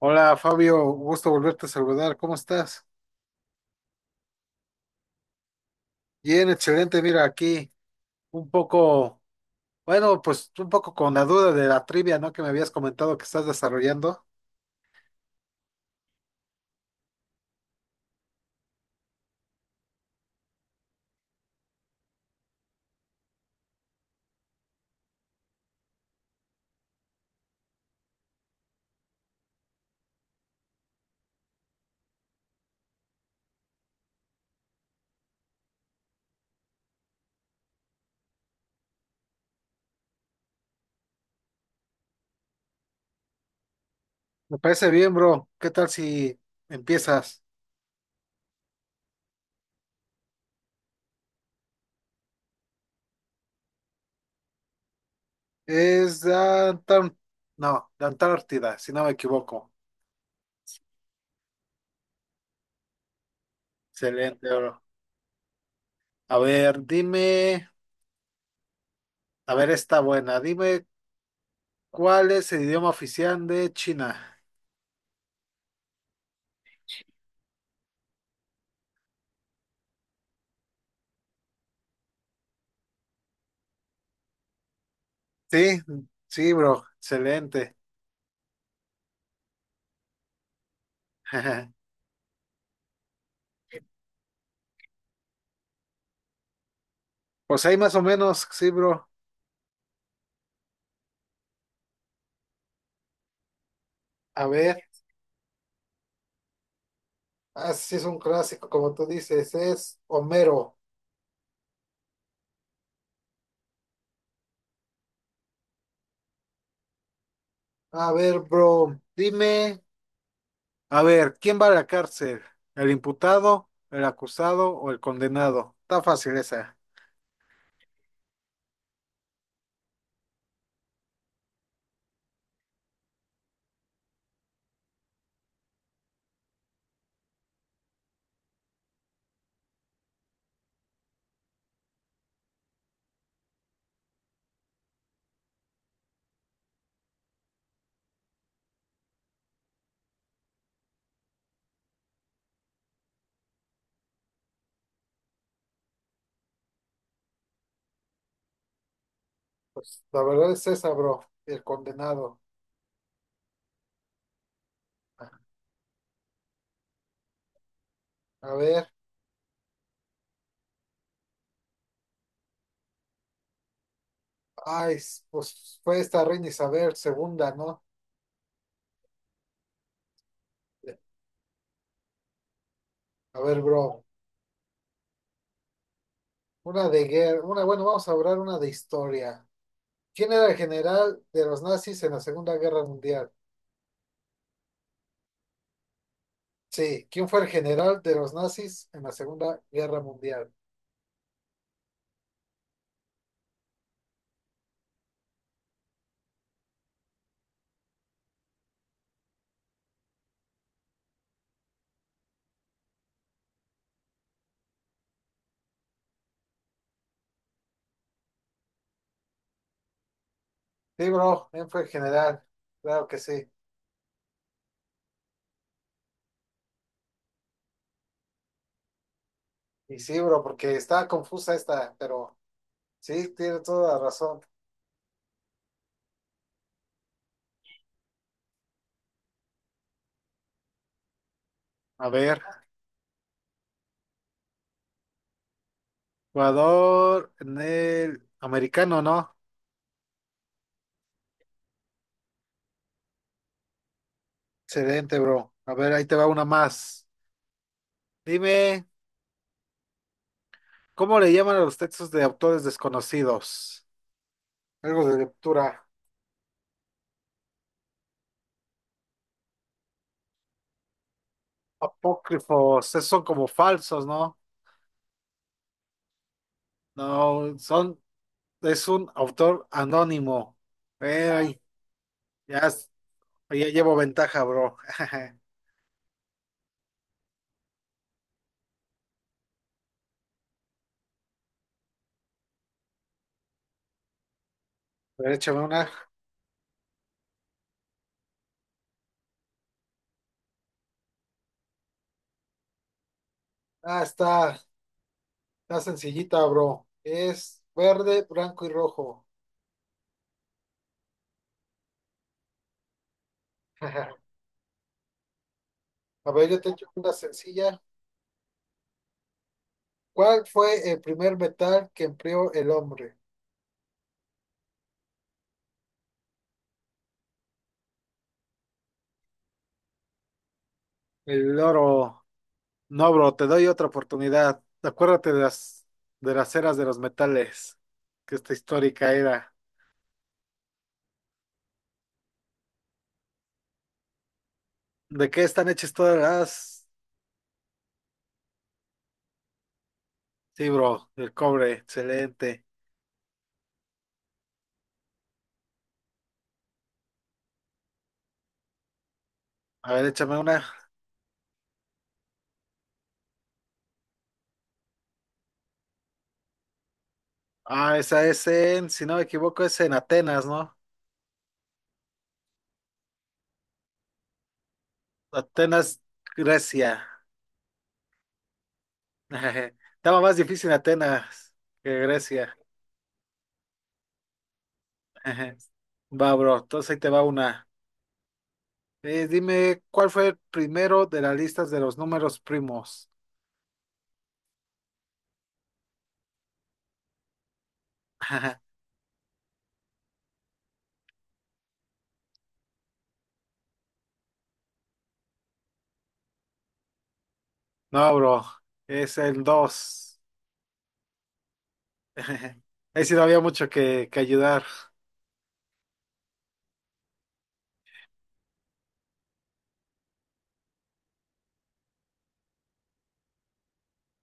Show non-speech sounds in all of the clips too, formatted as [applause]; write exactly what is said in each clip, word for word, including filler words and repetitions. Hola Fabio, gusto volverte a saludar. ¿Cómo estás? Bien, excelente. Mira, aquí un poco, bueno, pues un poco con la duda de la trivia, ¿no? Que me habías comentado que estás desarrollando. Me parece bien, bro. ¿Qué tal si empiezas? Es de Antar- no, de Antártida, si no me equivoco. Excelente, bro. A ver, dime, a ver, está buena. Dime, ¿cuál es el idioma oficial de China? Sí, sí, bro. Excelente. [laughs] Pues ahí más o menos, sí, bro. A ver, así es un clásico, como tú dices, es Homero. A ver, bro, dime, a ver, ¿quién va a la cárcel? ¿El imputado, el acusado o el condenado? Está fácil esa. Pues la verdad es esa, bro, el condenado. A ver, ay, pues fue esta reina Isabel segunda, ¿no? A ver, bro, una de guerra, una, bueno, vamos a hablar una de historia. ¿Quién era el general de los nazis en la Segunda Guerra Mundial? Sí, ¿quién fue el general de los nazis en la Segunda Guerra Mundial? Sí, bro, él fue el general, claro que sí. Y sí, bro, porque está confusa esta, pero sí, tiene toda la razón. A ver, jugador en el americano, ¿no? Excelente, bro. A ver, ahí te va una más. Dime, ¿cómo le llaman a los textos de autores desconocidos? Algo de lectura. Apócrifos, esos son como falsos, ¿no? No, son es un autor anónimo. Eh, Ah, Ey, ya, es- ya llevo ventaja, bro. [laughs] Pero échame una. Ah, está, está sencillita, bro. Es verde, blanco y rojo. [laughs] A ver, yo te echo una sencilla. ¿Cuál fue el primer metal que empleó el hombre? El oro. No, bro, te doy otra oportunidad. Acuérdate de las, de las eras de los metales, que esta histórica era. ¿De qué están hechas todas las? Sí, bro, el cobre, excelente. A ver, échame una. Ah, esa es en, si no me equivoco, es en Atenas, ¿no? Atenas, Grecia. [laughs] Estaba más difícil Atenas que Grecia. [laughs] Ajá. Va, bro, entonces ahí te va una. Eh, dime, ¿cuál fue el primero de las listas de los números primos? [laughs] No, bro, es el dos. [laughs] Ahí sí no había mucho que, que ayudar.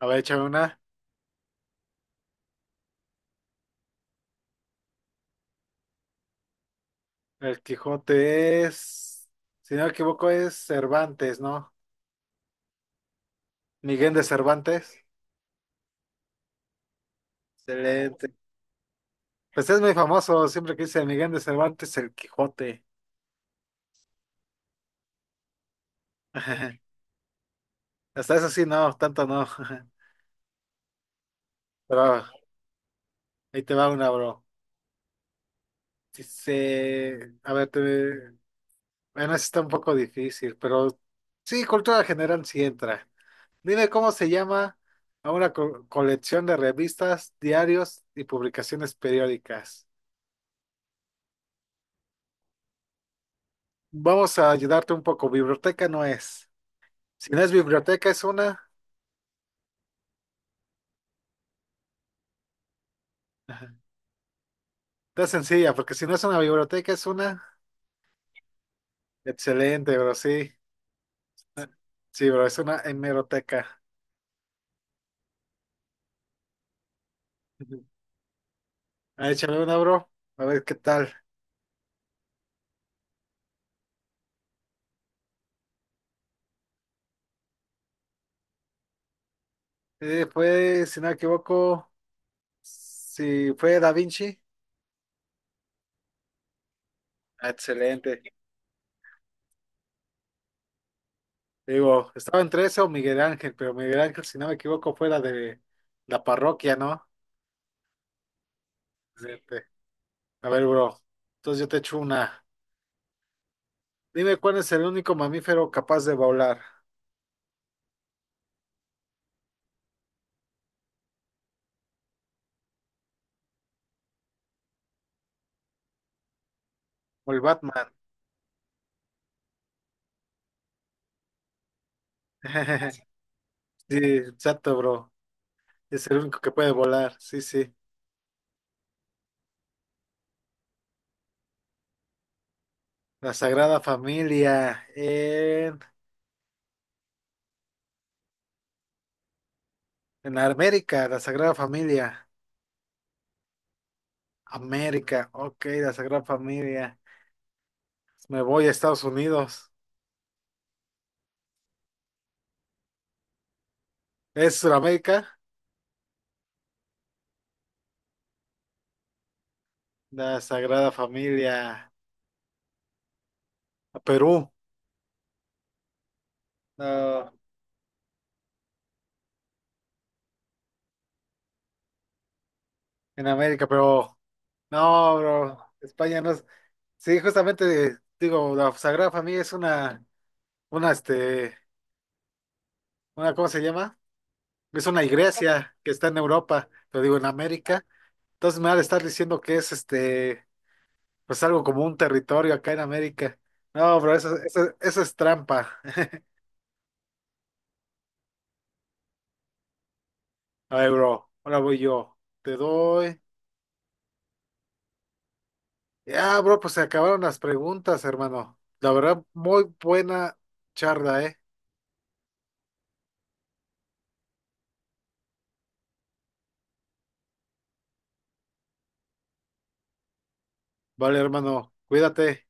A ver, échame una. El Quijote es, si no me equivoco, es Cervantes, ¿no? Miguel de Cervantes. Excelente. Pues es muy famoso, siempre que dice Miguel de Cervantes, el Quijote. [laughs] Hasta eso sí, no, tanto no. [laughs] Pero ahí te va una, bro. Dice, a ver, te... bueno, eso está un poco difícil, pero sí, cultura general sí entra. Dime cómo se llama a una co- colección de revistas, diarios y publicaciones periódicas. Vamos a ayudarte un poco. Biblioteca no es. Si no es biblioteca, es una. Ajá. Está sencilla, porque si no es una biblioteca, es una. Excelente, bro, sí. Sí, bro, es una hemeroteca. Ujú. Ah, échame una, bro. A ver qué tal. Eh, fue, si no me equivoco, si fue Da Vinci. Ah, excelente. Digo, estaba entre eso o Miguel Ángel, pero Miguel Ángel, si no me equivoco, fue la de la parroquia, ¿no? Excelente. A ver, bro. Entonces yo te echo una. Dime cuál es el único mamífero capaz de volar. O el Batman. [laughs] Sí, exacto, bro. Es el único que puede volar. Sí, sí. La Sagrada Familia. En, en América, la Sagrada Familia. América. Ok, la Sagrada Familia. Me voy a Estados Unidos. ¿Es Sudamérica? La Sagrada Familia. A Perú. No, en América, pero. No, bro. España no es. Sí, justamente digo, la Sagrada Familia es una. Una, este, una, ¿cómo se llama? Es una iglesia que está en Europa, lo digo en América. Entonces me van a estar diciendo que es, este, pues algo como un territorio acá en América. No, bro, eso, eso, eso es trampa. [laughs] A ver, bro, ahora voy yo. Te doy. Ya, bro, pues se acabaron las preguntas, hermano. La verdad, muy buena charla, ¿eh? Vale, hermano, cuídate.